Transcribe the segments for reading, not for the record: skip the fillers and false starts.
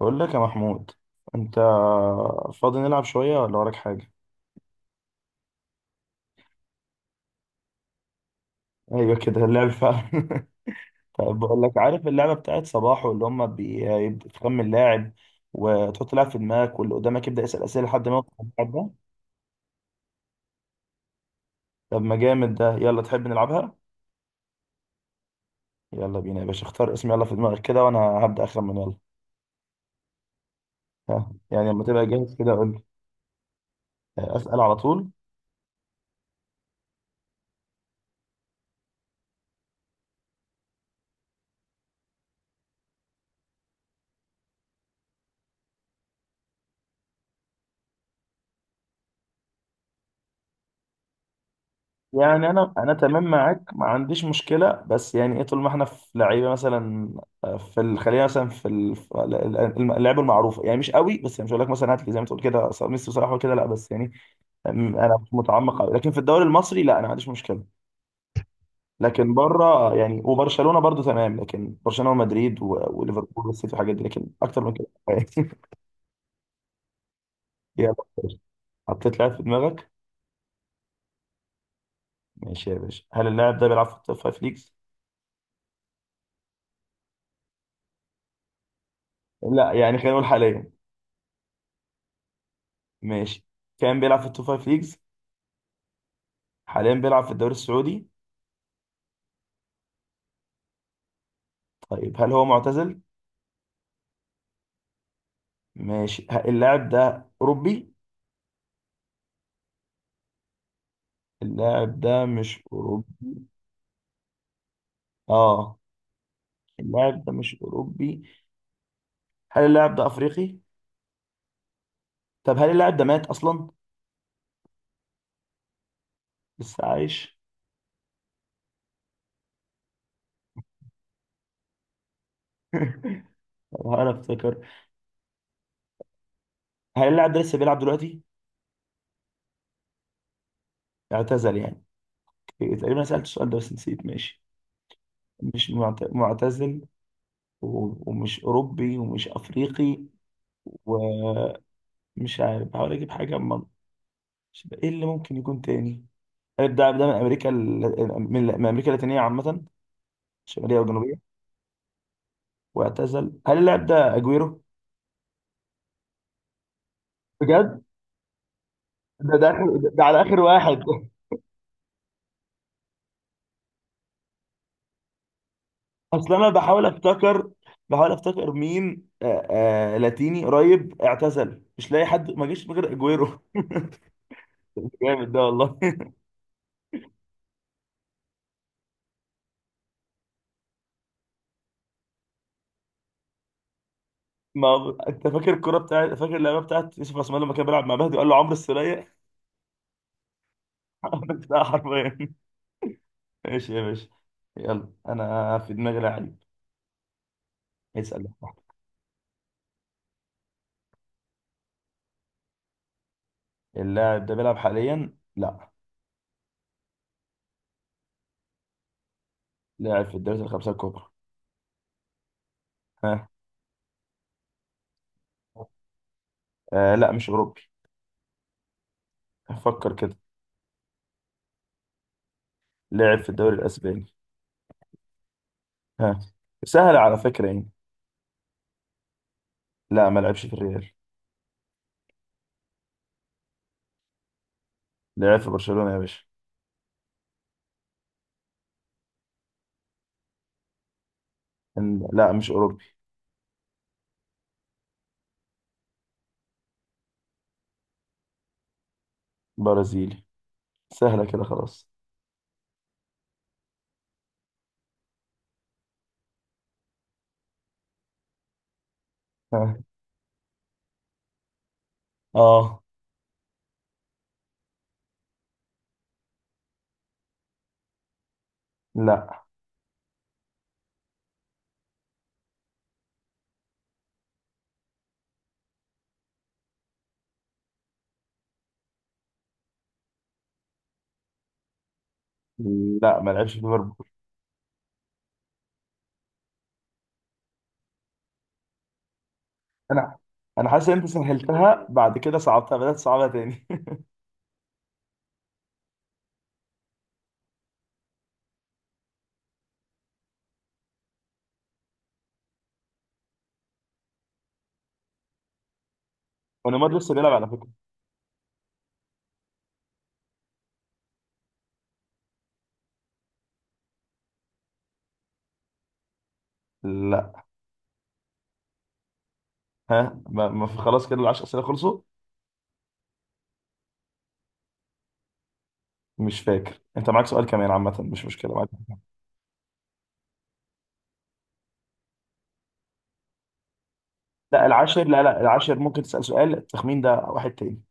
بقول لك يا محمود، انت فاضي نلعب شويه ولا وراك حاجه؟ ايوه كده اللعب فعلا. طب بقول لك، عارف اللعبه بتاعت صباحو اللي هم بيبدا تخمن لاعب وتحط لاعب في دماغك واللي قدامك يبدا يسال اسئله لحد ما يوصل اللاعب ده؟ طب ما جامد ده، يلا تحب نلعبها؟ يلا بينا يا باشا، اختار اسم، يلا في دماغك كده وانا هبدا اخمن يلا. ها، يعني لما تبقى جاهز كده قول لي. اسال على طول. يعني انا تمام معاك، ما عنديش مشكله، بس يعني ايه طول ما احنا في لعيبه؟ مثلا في خلينا مثلا في اللعيبه المعروفه، يعني مش قوي، بس يعني مش هقول لك مثلا هات لي زي ما تقول كده ميسي وصلاح وكده، لا، بس يعني انا مش متعمق قوي لكن في الدوري المصري لا انا ما عنديش مشكله. لكن بره يعني، وبرشلونه برضو تمام، لكن برشلونه ومدريد وليفربول والسيتي والحاجات دي، لكن اكتر من كده. يلا، حطيت لاعب في دماغك؟ ماشي يا باشا، هل اللاعب ده بيلعب في التوب فايف ليجز؟ لا يعني خلينا نقول حاليا. ماشي، كان بيلعب في التوب فايف ليجز؟ حاليا بيلعب في الدوري السعودي؟ طيب، هل هو معتزل؟ ماشي، اللاعب ده اوروبي؟ اللاعب ده مش اوروبي؟ اه. اللاعب ده مش اوروبي. هل اللاعب ده افريقي؟ طب هل اللاعب ده مات اصلا؟ لسه عايش؟ طب انا افتكر، هل اللاعب ده لسه بيلعب دلوقتي؟ اعتزل يعني. تقريبا أنا سألت السؤال ده بس نسيت. ماشي، مش معتزل، ومش اوروبي ومش افريقي ومش، عارف، بحاول اجيب حاجه ايه اللي ممكن يكون تاني؟ اللاعب ده من امريكا من امريكا اللاتينيه عامه، شماليه وجنوبيه. واعتزل. هل اللاعب ده اجويرو؟ بجد؟ ده ده على اخر واحد. اصل انا بحاول افتكر، بحاول افتكر مين، آه لاتيني قريب اعتزل، مش لاقي حد ما جيش غير اجويرو. جامد ده والله. ما هو- انت فاكر الكوره بتاعت، فاكر اللعبه بتاعت يوسف عثمان لما كان بيلعب مع مهدي وقال له عمرو السوليه؟ عمرو السولية حرفيا. ماشي يا باشا، يلا انا في دماغي لعيب، اسال. اللاعب ده بيلعب حاليا؟ لا. لاعب في الدوري الخمسة الكبرى. ها. آه لا مش أوروبي. فكر كده. لعب في الدوري الأسباني. ها. سهل على فكرة يعني. لا ما لعبش في الريال. لعب في برشلونة يا باشا. لا مش أوروبي. برازيلي. سهلة كده خلاص. ها. آه لا. لا ما لعبش في ليفربول. أنا أنا حاسس إن أنت سهلتها، بعد كده صعبتها، بدأت تصعبها تاني. ونيمار لسه بيلعب على فكرة. لا. ها، ما في، خلاص كده العشر أسئلة خلصوا. مش فاكر انت معاك سؤال كمان، عامة مش مشكلة معاك. لا العاشر، لا العاشر ممكن تسأل سؤال التخمين ده واحد تاني.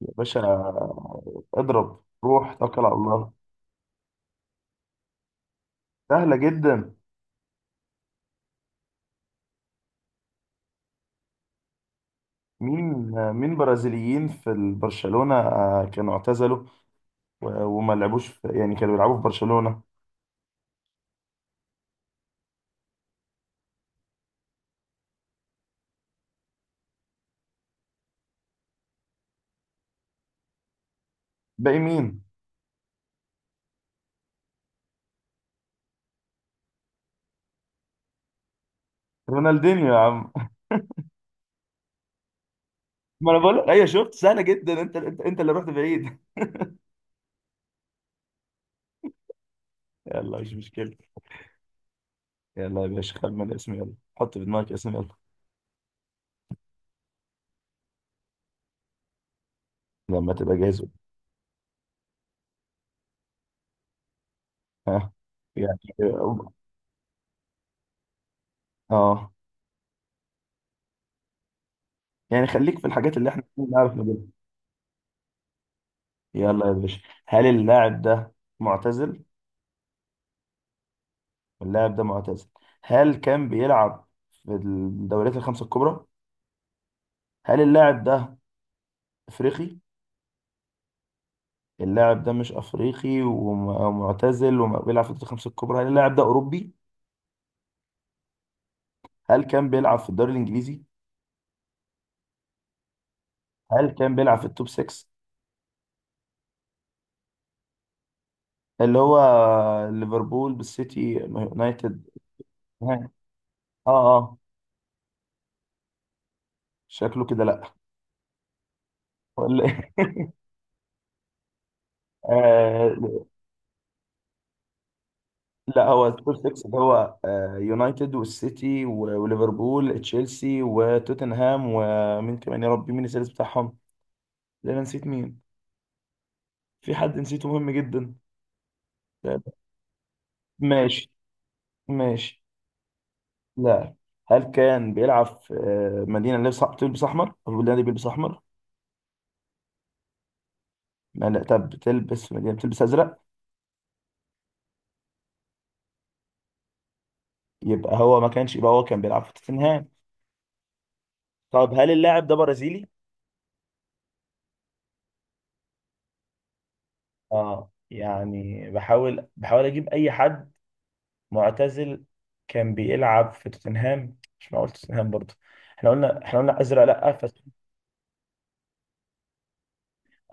يا باشا اضرب، روح توكل على الله. سهلة جدا. مين؟ مين برازيليين في برشلونة كانوا اعتزلوا وما لعبوش في، يعني كانوا بيلعبوا في برشلونة؟ باقي مين؟ رونالدينيو يا عم. ما انا بقول لك، ايوه شفت سهلة جدا، انت اللي رحت بعيد. يلا مش مشكلة. يلا يا باشا، خمن اسم، يلا حط في دماغك اسم يلا. لما تبقى جاهز. ها، يعني اه، يعني خليك في الحاجات اللي احنا بنعرف نجيبها. يلا يا باشا. هل اللاعب ده معتزل؟ اللاعب ده معتزل. هل كان بيلعب في الدوريات الخمسة الكبرى؟ هل اللاعب ده افريقي؟ اللاعب ده مش افريقي ومعتزل وبيلعب في الدوريات الخمسة الكبرى، هل اللاعب ده اوروبي؟ هل كان بيلعب في الدوري الانجليزي؟ هل كان بيلعب في التوب 6 اللي هو ليفربول بالسيتي يونايتد؟ اه. اه. شكله كده لا. ولا إيه؟ لا، هو التوب 6 اللي هو يونايتد والسيتي وليفربول تشيلسي وتوتنهام ومين كمان؟ يا ربي مين السادس بتاعهم؟ لا انا نسيت مين، في حد نسيته مهم جدا. ماشي ماشي. لا. هل كان بيلعب في مدينة اللي بتلبس أحمر؟ أو النادي بيلبس أحمر؟ ما لا، طب بتلبس مدينة بتلبس أزرق؟ يبقى هو ما كانش، يبقى هو كان بيلعب في توتنهام. طب هل اللاعب ده برازيلي؟ اه يعني بحاول أجيب أي حد. معتزل، كان بيلعب في توتنهام. مش معقول توتنهام برضه. احنا قلنا ازرق لا، ف...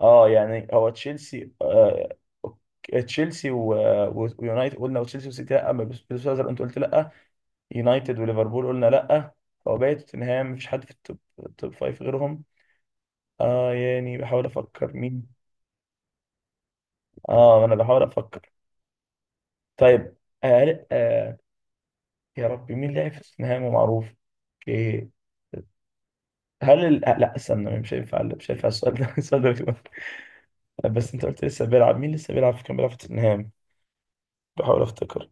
اه يعني هو تشيلسي، تشيلسي و... و... ويونايتد قلنا، وتشيلسي وسيتي لا ما بيلبسوا ازرق، انت قلت لا. يونايتد وليفربول قلنا لا. هو باقي توتنهام، مفيش حد في التوب، التوب فايف غيرهم. اه يعني بحاول افكر مين. اه انا بحاول افكر. طيب آه... آه... يا ربي مين لعب في توتنهام ومعروف؟ اوكي، هل لا استنى مش هينفع، لا مش هينفع السؤال ده، بس انت قلت لسه بيلعب، مين لسه بيلعب في، كان بيلعب في توتنهام. بحاول افتكر.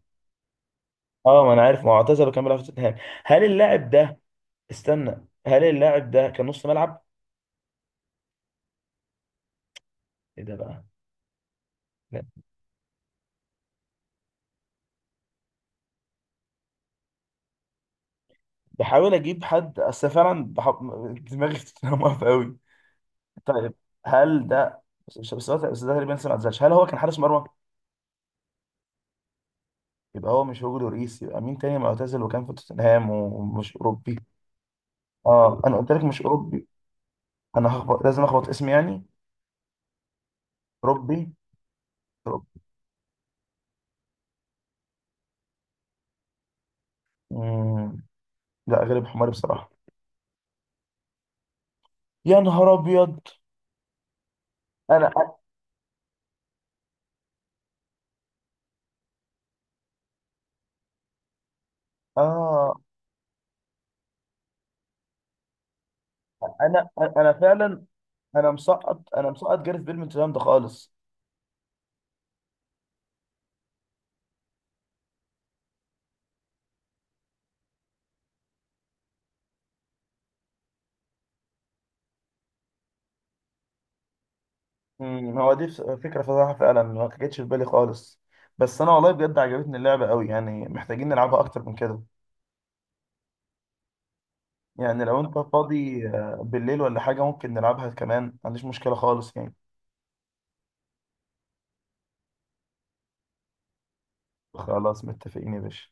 اه ما انا عارف، ما هو اعتزل كان بيلعب في توتنهام. هل اللاعب ده، استنى، هل اللاعب ده كان نص ملعب؟ ايه ده بقى؟ لا. بحاول اجيب حد، اصل فعلا دماغي في توتنهام واقفه قوي. طيب هل ده، بس ده تقريبا لسه ما اعتزلش، هل هو كان حارس مرمى؟ يبقى هو مش هوجو لوريس، يبقى مين تاني معتزل وكان في توتنهام ومش اوروبي؟ اه انا قلت لك مش اوروبي. انا هخبط، لازم اخبط اسمي يعني. ربي. رب. مم. لا غالب حماري بصراحه. يا نهار ابيض. انا، اه، انا فعلا، انا مسقط، انا مسقط جاريث بيل من الكلام ده خالص. هو دي فكره فظيعه فعلا، ما جتش في بالي خالص. بس انا والله بجد عجبتني اللعبه قوي، يعني محتاجين نلعبها اكتر من كده. يعني لو انت فاضي بالليل ولا حاجه ممكن نلعبها كمان، ما عنديش مشكله خالص يعني. خلاص متفقين يا باشا.